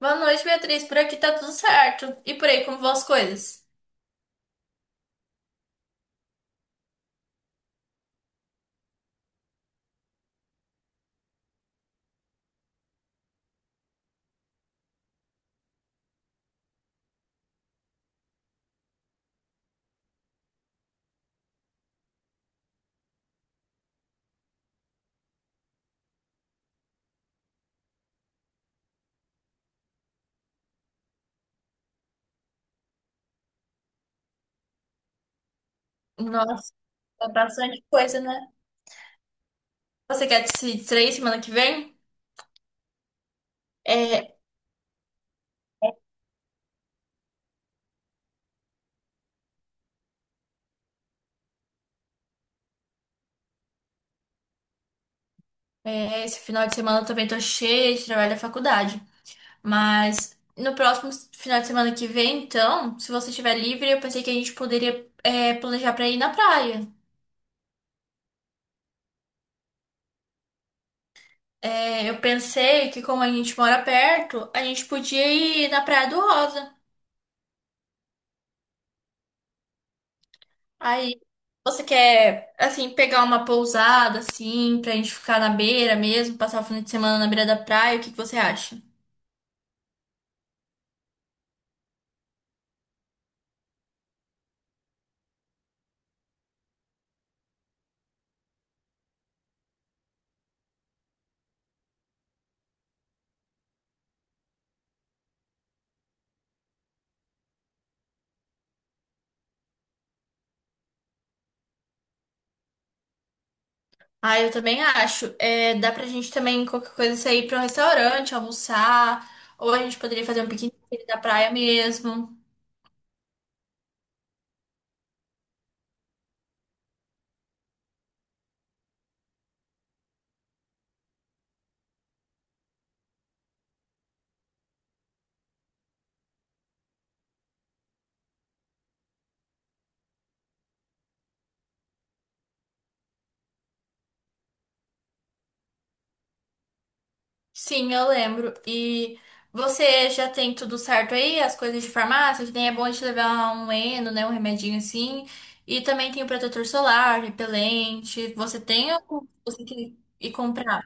Boa noite, Beatriz. Por aqui tá tudo certo. E por aí, como vão as coisas? Nossa, tá bastante coisa, né? Você quer se distrair semana que vem? É, esse final de semana eu também tô cheia de trabalho da faculdade. Mas no próximo final de semana que vem, então, se você estiver livre, eu pensei que a gente poderia, planejar pra ir na praia. É, eu pensei que como a gente mora perto, a gente podia ir na Praia do Rosa. Aí você quer, assim, pegar uma pousada, assim, pra gente ficar na beira mesmo, passar o fim de semana na beira da praia, o que que você acha? Ah, eu também acho. É, dá pra gente também, qualquer coisa, sair pra um restaurante, almoçar, ou a gente poderia fazer um piquenique na praia mesmo. Sim, eu lembro. E você já tem tudo certo aí? As coisas de farmácia? Que nem é bom a gente levar um Eno, né? Um remedinho assim. E também tem o protetor solar, repelente. Você tem ou você tem que ir comprar?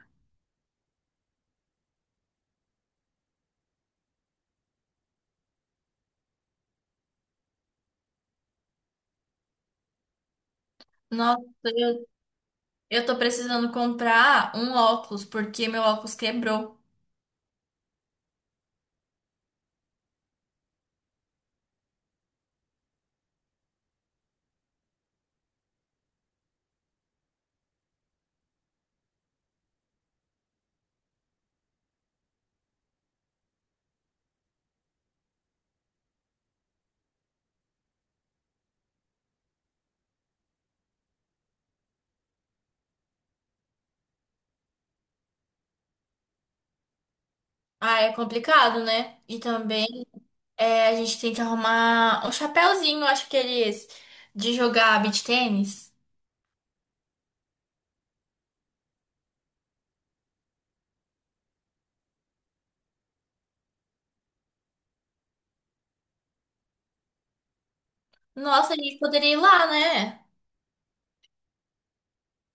Nossa, eu, eu tô precisando comprar um óculos, porque meu óculos quebrou. Ah, é complicado, né? E também a gente tem que arrumar um chapéuzinho, acho que eles, de jogar beach tênis. Nossa, a gente poderia ir lá, né?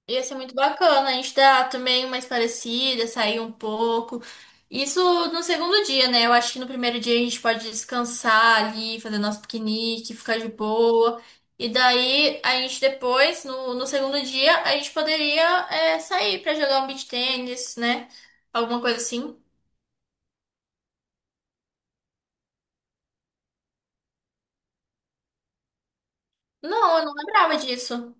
Ia ser muito bacana, a gente dá também umas parecidas, sair um pouco. Isso no segundo dia, né? Eu acho que no primeiro dia a gente pode descansar ali, fazer nosso piquenique, ficar de boa. E daí a gente depois, no segundo dia, a gente poderia sair pra jogar um beach tênis, né? Alguma coisa assim. Não, eu não lembrava disso.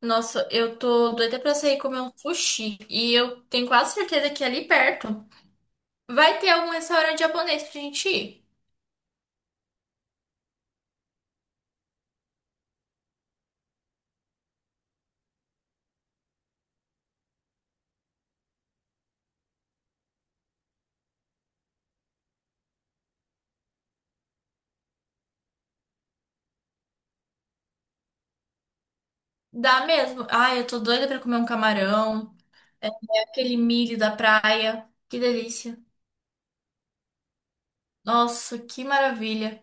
Nossa, eu tô doida pra sair comer um sushi. E eu tenho quase certeza que é ali perto vai ter algum restaurante japonês pra gente ir. Dá mesmo. Ai, eu tô doida pra comer um camarão, aquele milho da praia. Que delícia. Nossa, que maravilha.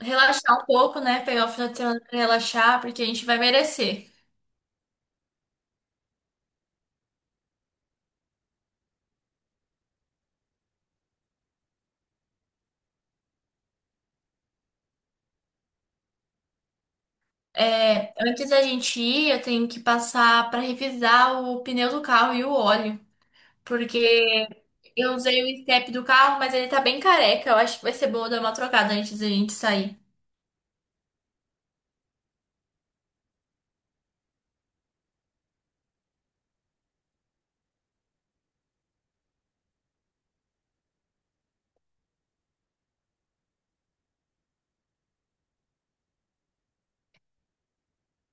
Relaxar um pouco, né? Pegar o final de semana pra relaxar, porque a gente vai merecer. É, antes da gente ir, eu tenho que passar pra revisar o pneu do carro e o óleo, porque eu usei o step do carro, mas ele tá bem careca. Eu acho que vai ser boa dar uma trocada antes da gente sair.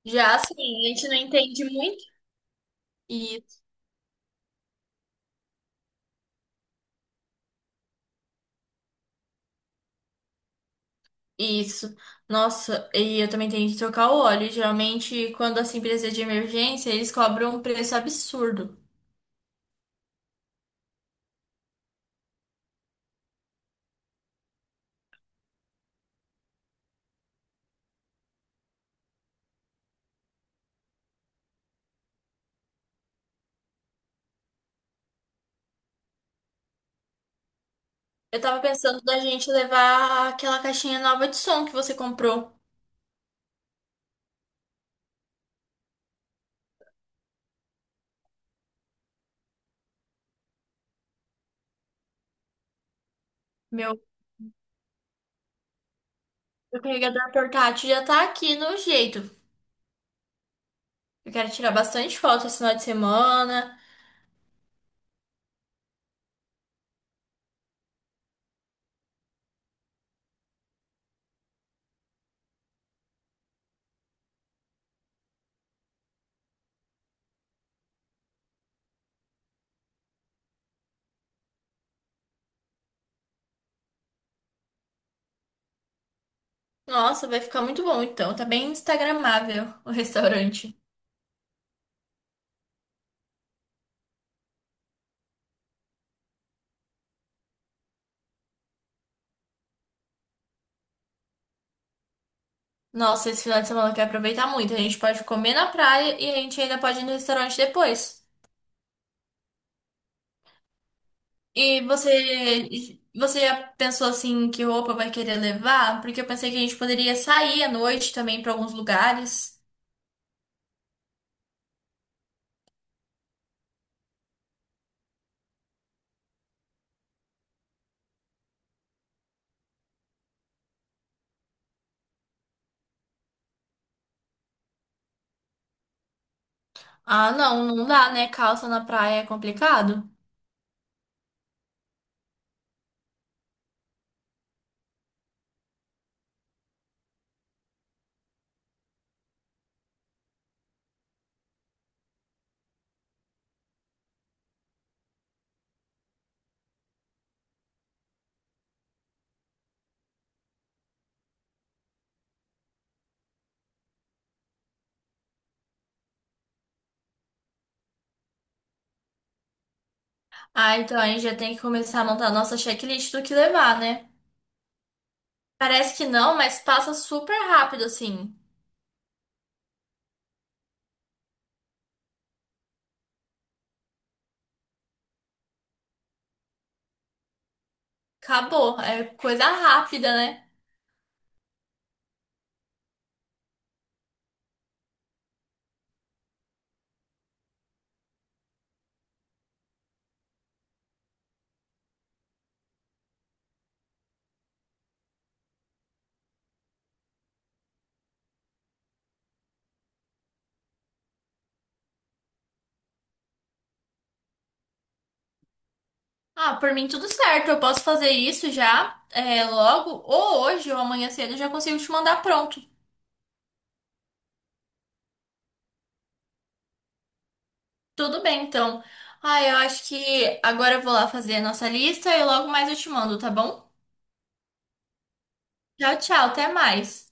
Já assim, a gente não entende muito. Isso. Nossa, e eu também tenho que trocar o óleo. Geralmente, quando assim precisa de emergência, eles cobram um preço absurdo. Eu tava pensando da gente levar aquela caixinha nova de som que você comprou. Meu, meu carregador portátil já tá aqui no jeito. Eu quero tirar bastante foto esse final de semana. Nossa, vai ficar muito bom então. Tá bem instagramável o restaurante. Nossa, esse final de semana eu quero aproveitar muito. A gente pode comer na praia e a gente ainda pode ir no restaurante depois. E você já pensou assim que roupa vai querer levar? Porque eu pensei que a gente poderia sair à noite também para alguns lugares. Ah, não, não dá, né? Calça na praia é complicado. Ah, então a gente já tem que começar a montar a nossa checklist do que levar, né? Parece que não, mas passa super rápido assim. Acabou, é coisa rápida, né? Ah, por mim tudo certo, eu posso fazer isso já, logo, ou hoje ou amanhã cedo eu já consigo te mandar pronto. Tudo bem, então. Ah, eu acho que agora eu vou lá fazer a nossa lista e logo mais eu te mando, tá bom? Tchau, tchau, até mais.